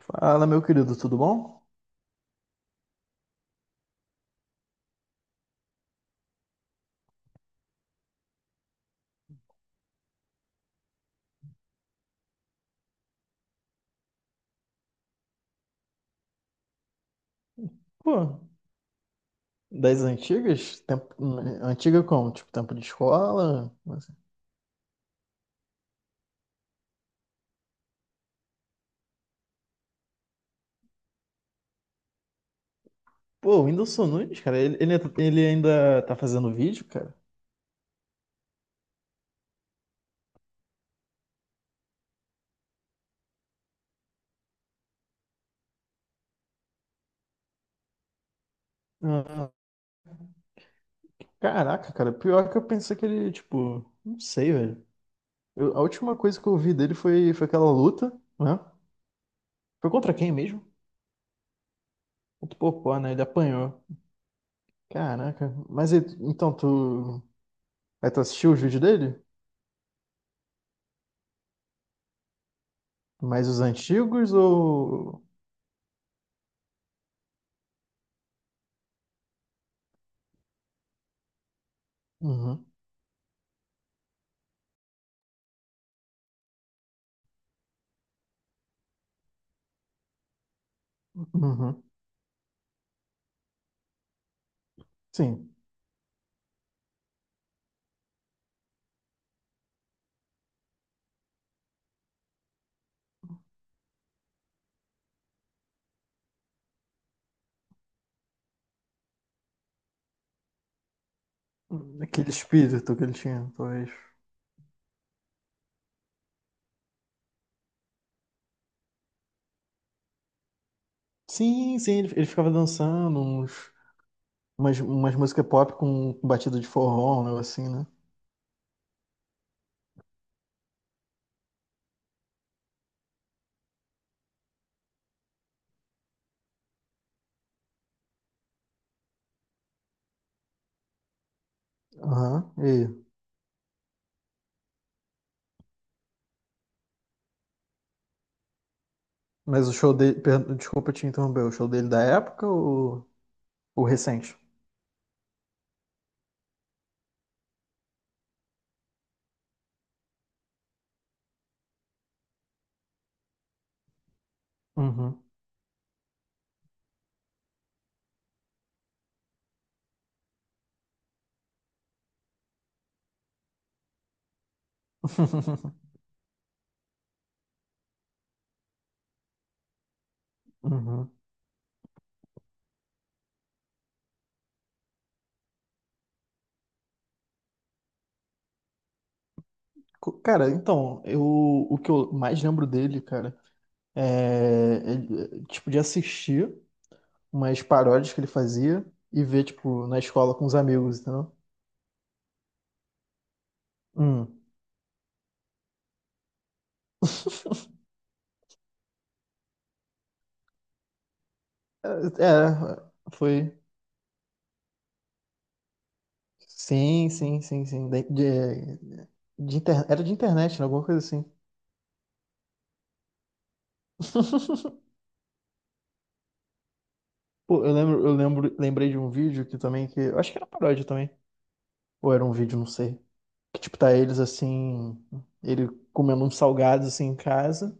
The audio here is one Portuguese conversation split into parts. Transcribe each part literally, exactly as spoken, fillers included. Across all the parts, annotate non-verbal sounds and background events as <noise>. Fala, meu querido, tudo bom? Pô, das antigas? Tempo, antiga como? Tipo, tempo de escola? Pô, o Whindersson Nunes, cara, ele, ele, ele ainda tá fazendo vídeo, cara? Ah, Caraca, cara, pior que eu pensei que ele, tipo, não sei, velho. Eu, a última coisa que eu vi dele foi, foi aquela luta, né? Foi contra quem mesmo? Contra o Popó, né? Ele apanhou. Caraca, mas ele, então tu. Aí tu assistiu os vídeos dele? Mais os antigos ou. Uhum, uhum, sim. Aquele espírito que ele tinha, talvez. Sim, sim, ele, ele ficava dançando uns, umas, umas músicas pop com batida de forró, um negócio assim, né? Aham, e... Mas o show dele... per- Desculpa te interromper, o show dele da época ou o recente? Uhum. <laughs> Uhum. Co- Cara, então, eu, o que eu mais lembro dele, cara, é, ele, tipo, de assistir umas paródias que ele fazia e ver, tipo, na escola com os amigos, entendeu? É, é, foi. Sim, sim, sim, sim. De, de, de inter-, era de internet, né? Alguma coisa assim. <laughs> Pô, eu lembro, eu lembro, lembrei de um vídeo que também que. Eu acho que era paródia também. Ou era um vídeo, não sei. Que tipo, tá eles assim. Ele comendo uns salgados assim em casa.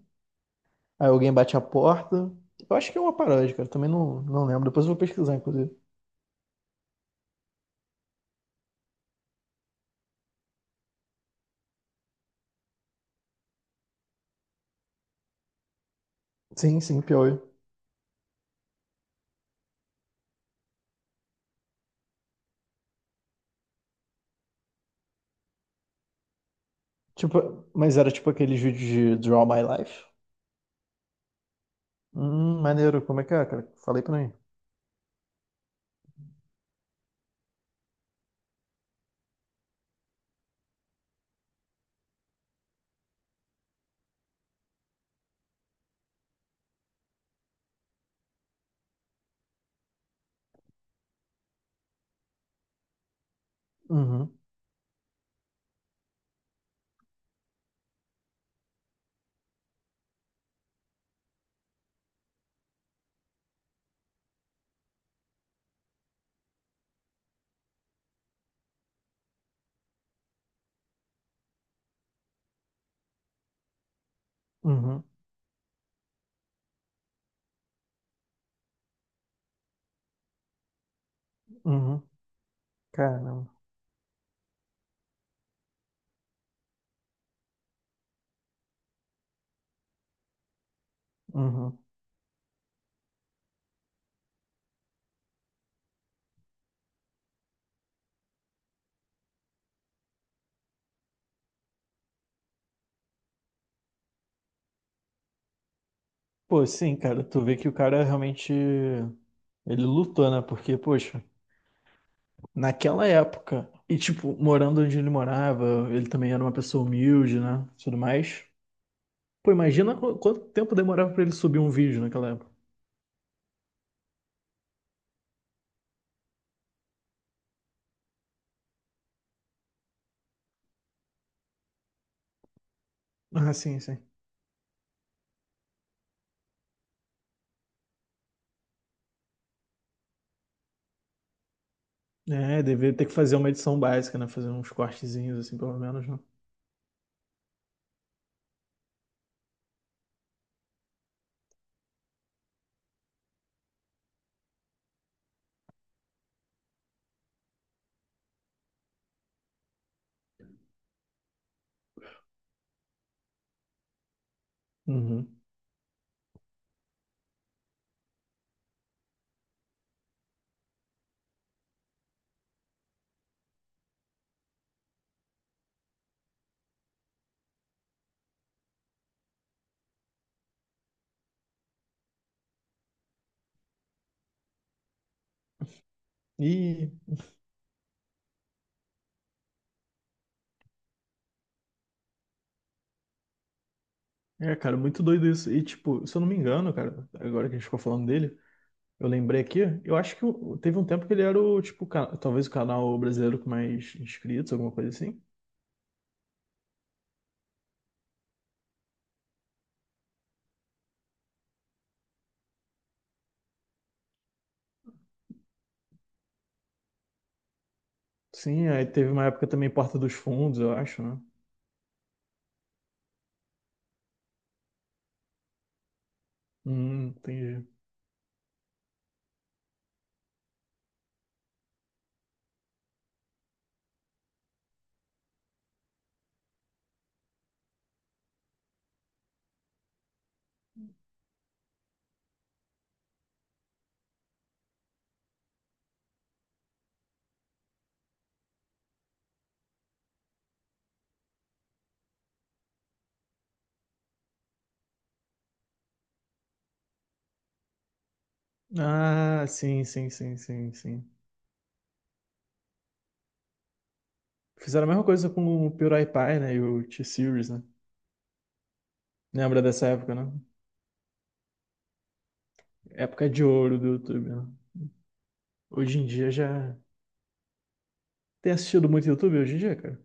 Aí alguém bate a porta. Eu acho que é uma paródia, cara. Também não, não lembro. Depois eu vou pesquisar, inclusive. Sim, sim, Piauí. Tipo, mas era tipo aqueles vídeos de Draw My Life. Hum, maneiro. Como é que é, cara? Falei pra mim. Uhum, uhum. Uhum. Caramba. Uhum. Pô, sim, cara, tu vê que o cara realmente ele lutou, né? Porque, poxa, naquela época, e tipo, morando onde ele morava, ele também era uma pessoa humilde, né? Tudo mais. Pô, imagina qu- quanto tempo demorava pra ele subir um vídeo naquela época. Ah, sim, sim. É, deveria ter que fazer uma edição básica, né? Fazer uns cortezinhos, assim, pelo menos, né? Uhum. E, é, cara, muito doido isso. E, tipo, se eu não me engano, cara, agora que a gente ficou falando dele. Eu lembrei aqui, eu acho que o- teve um tempo que ele era o, tipo, ca- talvez o canal brasileiro com mais inscritos, alguma coisa assim. Sim, aí teve uma época também Porta dos Fundos, eu acho, né? Hum, entendi. Ah, sim, sim, sim, sim, sim. Fizeram a mesma coisa com o PewDiePie, né? E o T séries, né? Lembra dessa época, né? Época de ouro do YouTube, né? Hoje em dia já. Tem assistido muito YouTube hoje em dia, cara?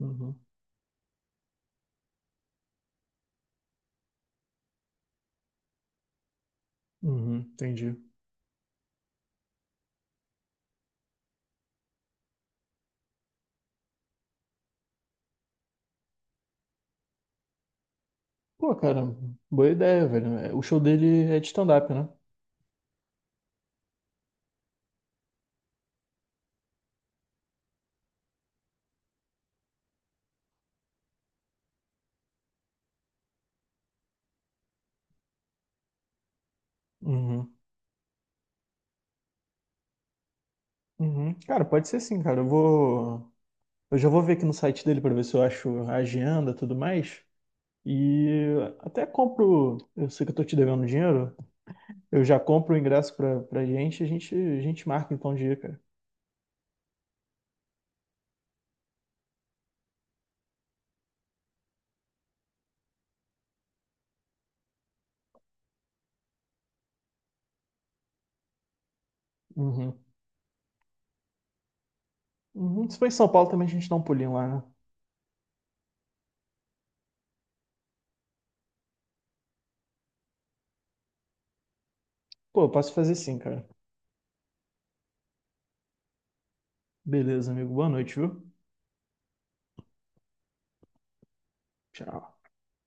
Uhum. Uhum, entendi. Pô, cara, boa ideia, velho. É, o show dele é de stand-up, né? Uhum. Uhum. Cara, pode ser sim, cara. Eu vou. Eu já vou ver aqui no site dele para ver se eu acho a agenda e tudo mais. E até compro. Eu sei que eu tô te devendo dinheiro. Eu já compro o ingresso pra, pra gente. E a gente, a gente marca então o dia, cara. Uhum. Uhum. Se for em São Paulo também a gente dá um pulinho lá, né? Pô, eu posso fazer sim, cara. Beleza, amigo. Boa noite, viu? Tchau.